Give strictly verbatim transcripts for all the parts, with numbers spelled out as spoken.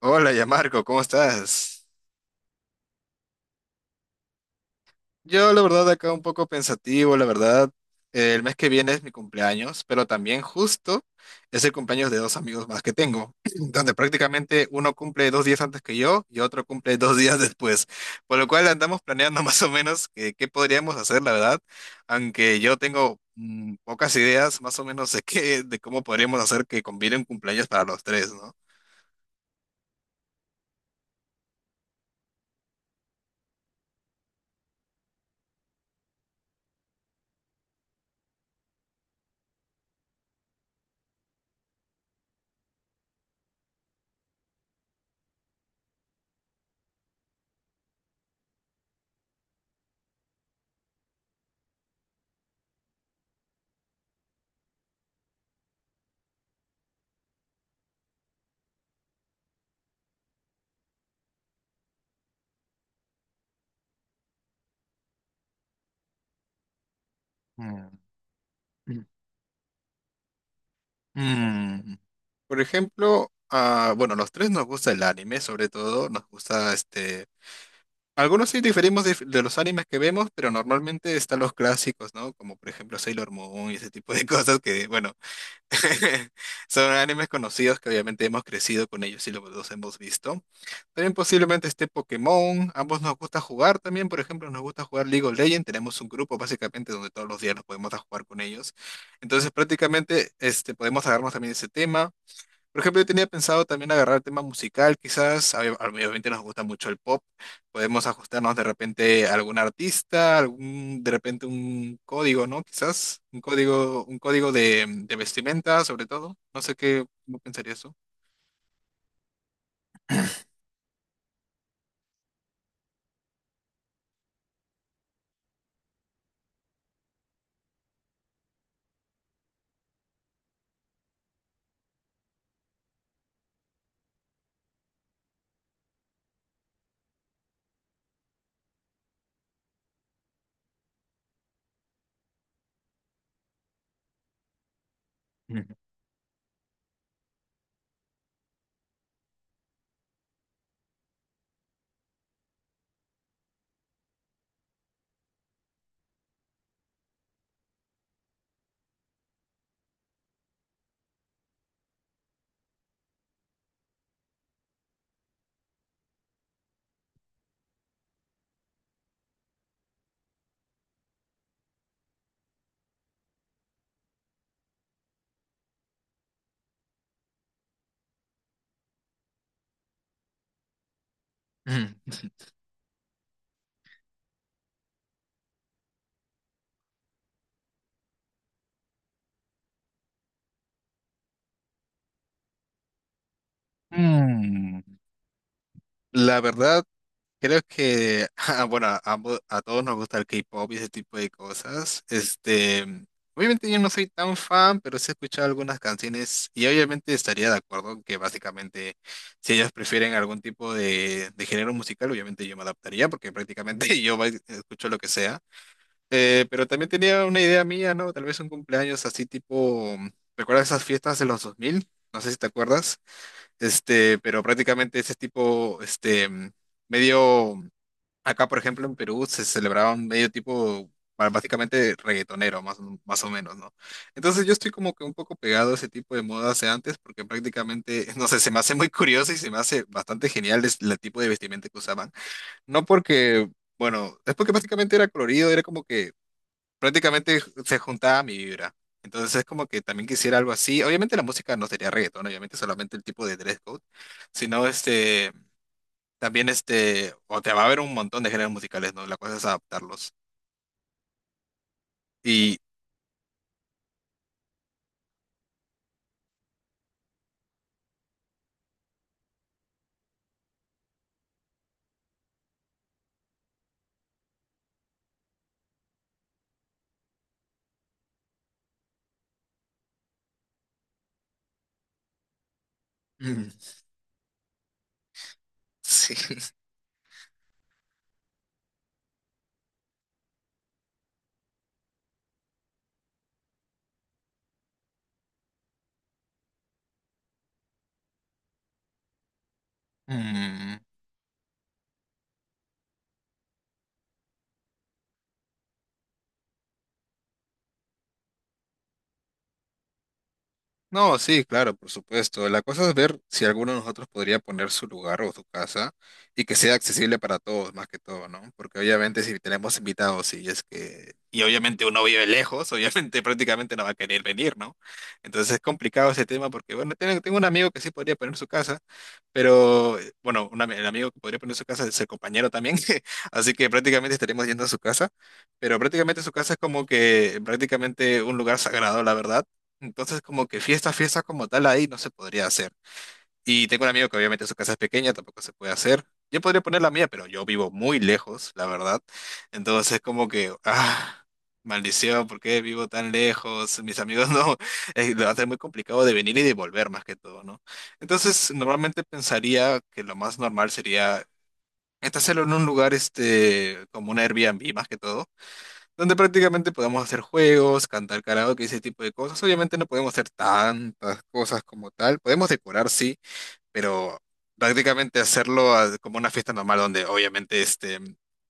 Hola, ya Marco, ¿cómo estás? Yo, la verdad, acá un poco pensativo, la verdad. Eh, el mes que viene es mi cumpleaños, pero también justo es el cumpleaños de dos amigos más que tengo, donde prácticamente uno cumple dos días antes que yo y otro cumple dos días después, por lo cual andamos planeando más o menos que- qué podríamos hacer, la verdad, aunque yo tengo mm, pocas ideas más o menos de qué, de cómo podríamos hacer que conviene un cumpleaños para los tres, ¿no? Mm. Mm, Por ejemplo, ah, bueno, los tres nos gusta el anime, sobre todo, nos gusta este. Algunos sí diferimos de, de los animes que vemos, pero normalmente están los clásicos, ¿no? Como por ejemplo Sailor Moon y ese tipo de cosas que, bueno, son animes conocidos que obviamente hemos crecido con ellos y lo- los hemos visto. También posiblemente esté Pokémon. Ambos nos gusta jugar también. Por ejemplo, nos gusta jugar League of Legends. Tenemos un grupo básicamente donde todos los días nos podemos a jugar con ellos. Entonces prácticamente este, podemos agarrarnos también ese tema. Por ejemplo, yo tenía pensado también agarrar el tema musical, quizás, ob- obviamente nos gusta mucho el pop, podemos ajustarnos de repente a algún artista, algún, de repente un código, ¿no? Quizás, un código, un código de, de vestimenta, sobre todo. No sé qué, cómo pensarías tú. Mm, La verdad, creo que, ah, bueno, a, ambos- a todos nos gusta el K-pop y ese tipo de cosas. Este, obviamente yo no soy tan fan, pero sí he escuchado algunas canciones y obviamente estaría de acuerdo en que básicamente si ellas prefieren algún tipo de, de género musical, obviamente yo me adaptaría porque prácticamente yo ba- escucho lo que sea. Eh, pero también tenía una idea mía, ¿no? Tal vez un cumpleaños así tipo, ¿recuerdas esas fiestas de los dos mil? No sé si te acuerdas. Este, pero prácticamente ese tipo, este, medio... Acá, por ejemplo, en Perú se celebraba un medio tipo, ba- básicamente reggaetonero, más, o- más o menos, ¿no? Entonces yo estoy como que un poco pegado a ese tipo de modas de antes, porque prácticamente, no sé, se me hace muy curioso y se me hace bastante genial es- el tipo de vestimenta que usaban. No porque, bueno, es porque prácticamente era colorido, era como que prácticamente se juntaba a mi vibra. Entonces es como que también quisiera algo así. Obviamente la música no sería reggaeton, obviamente solamente el tipo de dress code, sino este también este, o te va a haber un montón de géneros musicales, ¿no? La cosa es adaptarlos. Y mm, sí. mm, No, sí, claro, por supuesto. La cosa es ver si alguno de nosotros podría poner su lugar o su casa y que sea accesible para todos, más que todo, ¿no? Porque obviamente si tenemos invitados y es que... Y obviamente uno vive lejos, obviamente prácticamente no va a querer venir, ¿no? Entonces es complicado ese tema porque, bueno, tengo, tengo un amigo que sí podría poner su casa, pero, eh, bueno, un ami- el amigo que podría poner su casa es el compañero también, así que prácticamente estaremos yendo a su casa, pero prácticamente su casa es como que prácticamente un lugar sagrado, la verdad. Entonces, como que fiesta, fiesta como tal ahí no se podría hacer. Y tengo un amigo que obviamente su casa es pequeña, tampoco se puede hacer. Yo podría poner la mía, pero yo vivo muy lejos, la verdad. Entonces, como que, ah, maldición, ¿por qué vivo tan lejos? Mis amigos no, eh, lo hace muy complicado de venir y de volver más que todo, ¿no? Entonces, normalmente pensaría que lo más normal sería este, hacerlo en un lugar, este, como un Airbnb más que todo donde prácticamente podemos hacer juegos, cantar karaoke, ese tipo de cosas. Obviamente no podemos hacer tantas cosas como tal. Podemos decorar, sí, pero prácticamente hacerlo a- como una fiesta normal donde obviamente este,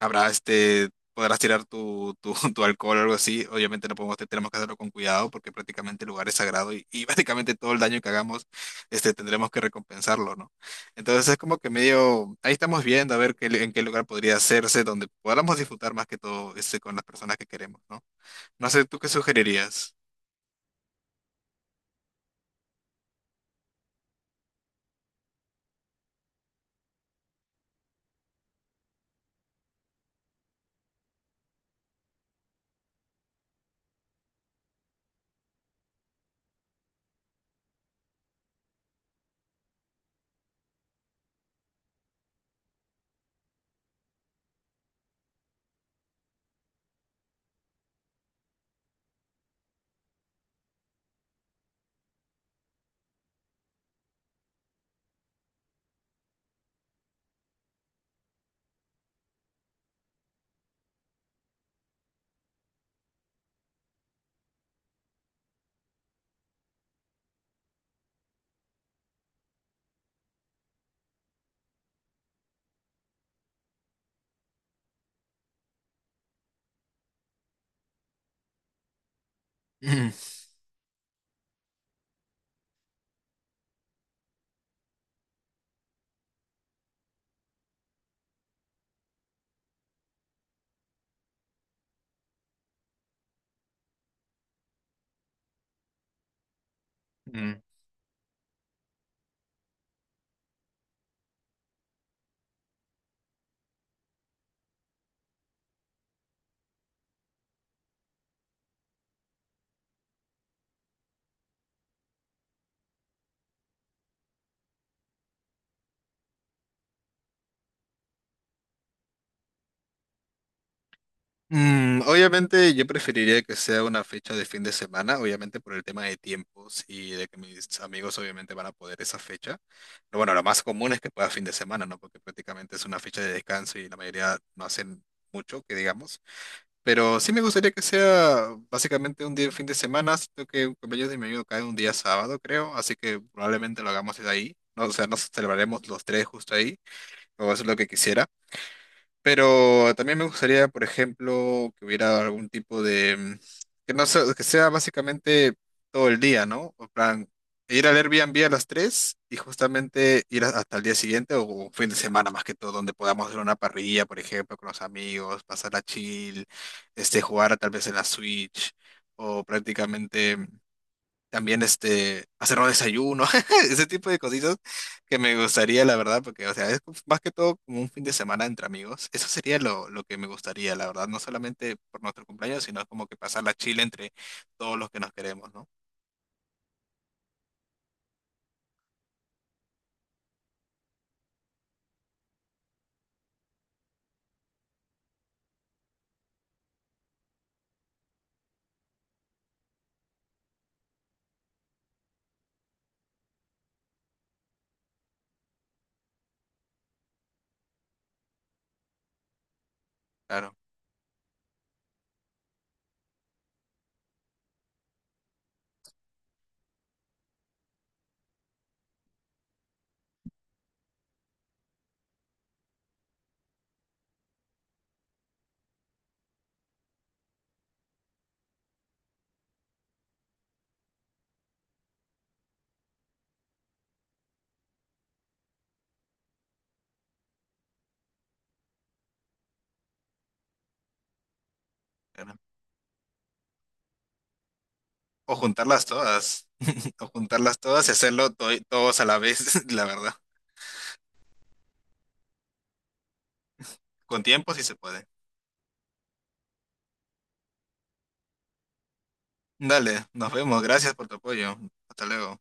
habrá este, podrás tirar tu, tu, tu alcohol o algo así, obviamente no podemos, tenemos que hacerlo con cuidado porque prácticamente el lugar es sagrado y, y prácticamente todo el daño que hagamos este, tendremos que recompensarlo, ¿no? Entonces es como que medio, ahí estamos viendo a ver qué, en qué lugar podría hacerse donde podamos disfrutar más que todo este, con las personas que queremos, ¿no? No sé, ¿tú qué sugerirías? Mm. Mm, obviamente yo preferiría que sea una fecha de fin de semana, obviamente por el tema de tiempos y de que mis amigos obviamente van a poder esa fecha. Pero bueno, lo más común es que pueda fin de semana, ¿no? Porque prácticamente es una fecha de descanso y la mayoría no hacen mucho, que digamos. Pero sí me gustaría que sea básicamente un día de fin de semana, siento que el cumpleaños de mi amigo cae un día sábado, creo, así que probablemente lo hagamos desde ahí, ¿no? O sea, nos celebraremos los tres justo ahí, o eso es lo que quisiera. Pero también me gustaría, por ejemplo, que hubiera algún tipo de, mm, que no sea, que sea básicamente todo el día, ¿no? O plan, ir al Airbnb a las tres y justamente ir a- hasta el día siguiente o un fin de semana más que todo, donde podamos hacer una parrilla, por ejemplo, con los amigos, pasar a chill, este, jugar tal vez en la Switch o prácticamente mm, también este, hacer un desayuno, ese tipo de cositas que me gustaría, la verdad, porque, o sea, es más que todo como un fin de semana entre amigos. Eso sería lo, lo que me gustaría, la verdad, no solamente por nuestro cumpleaños, sino como que pasar la chile entre todos los que nos queremos, ¿no? Claro, claro. O juntarlas todas, o juntarlas todas y hacerlo to- todos a la vez, la verdad. Con tiempo sí se puede. Dale, nos vemos, gracias por tu apoyo. Hasta luego.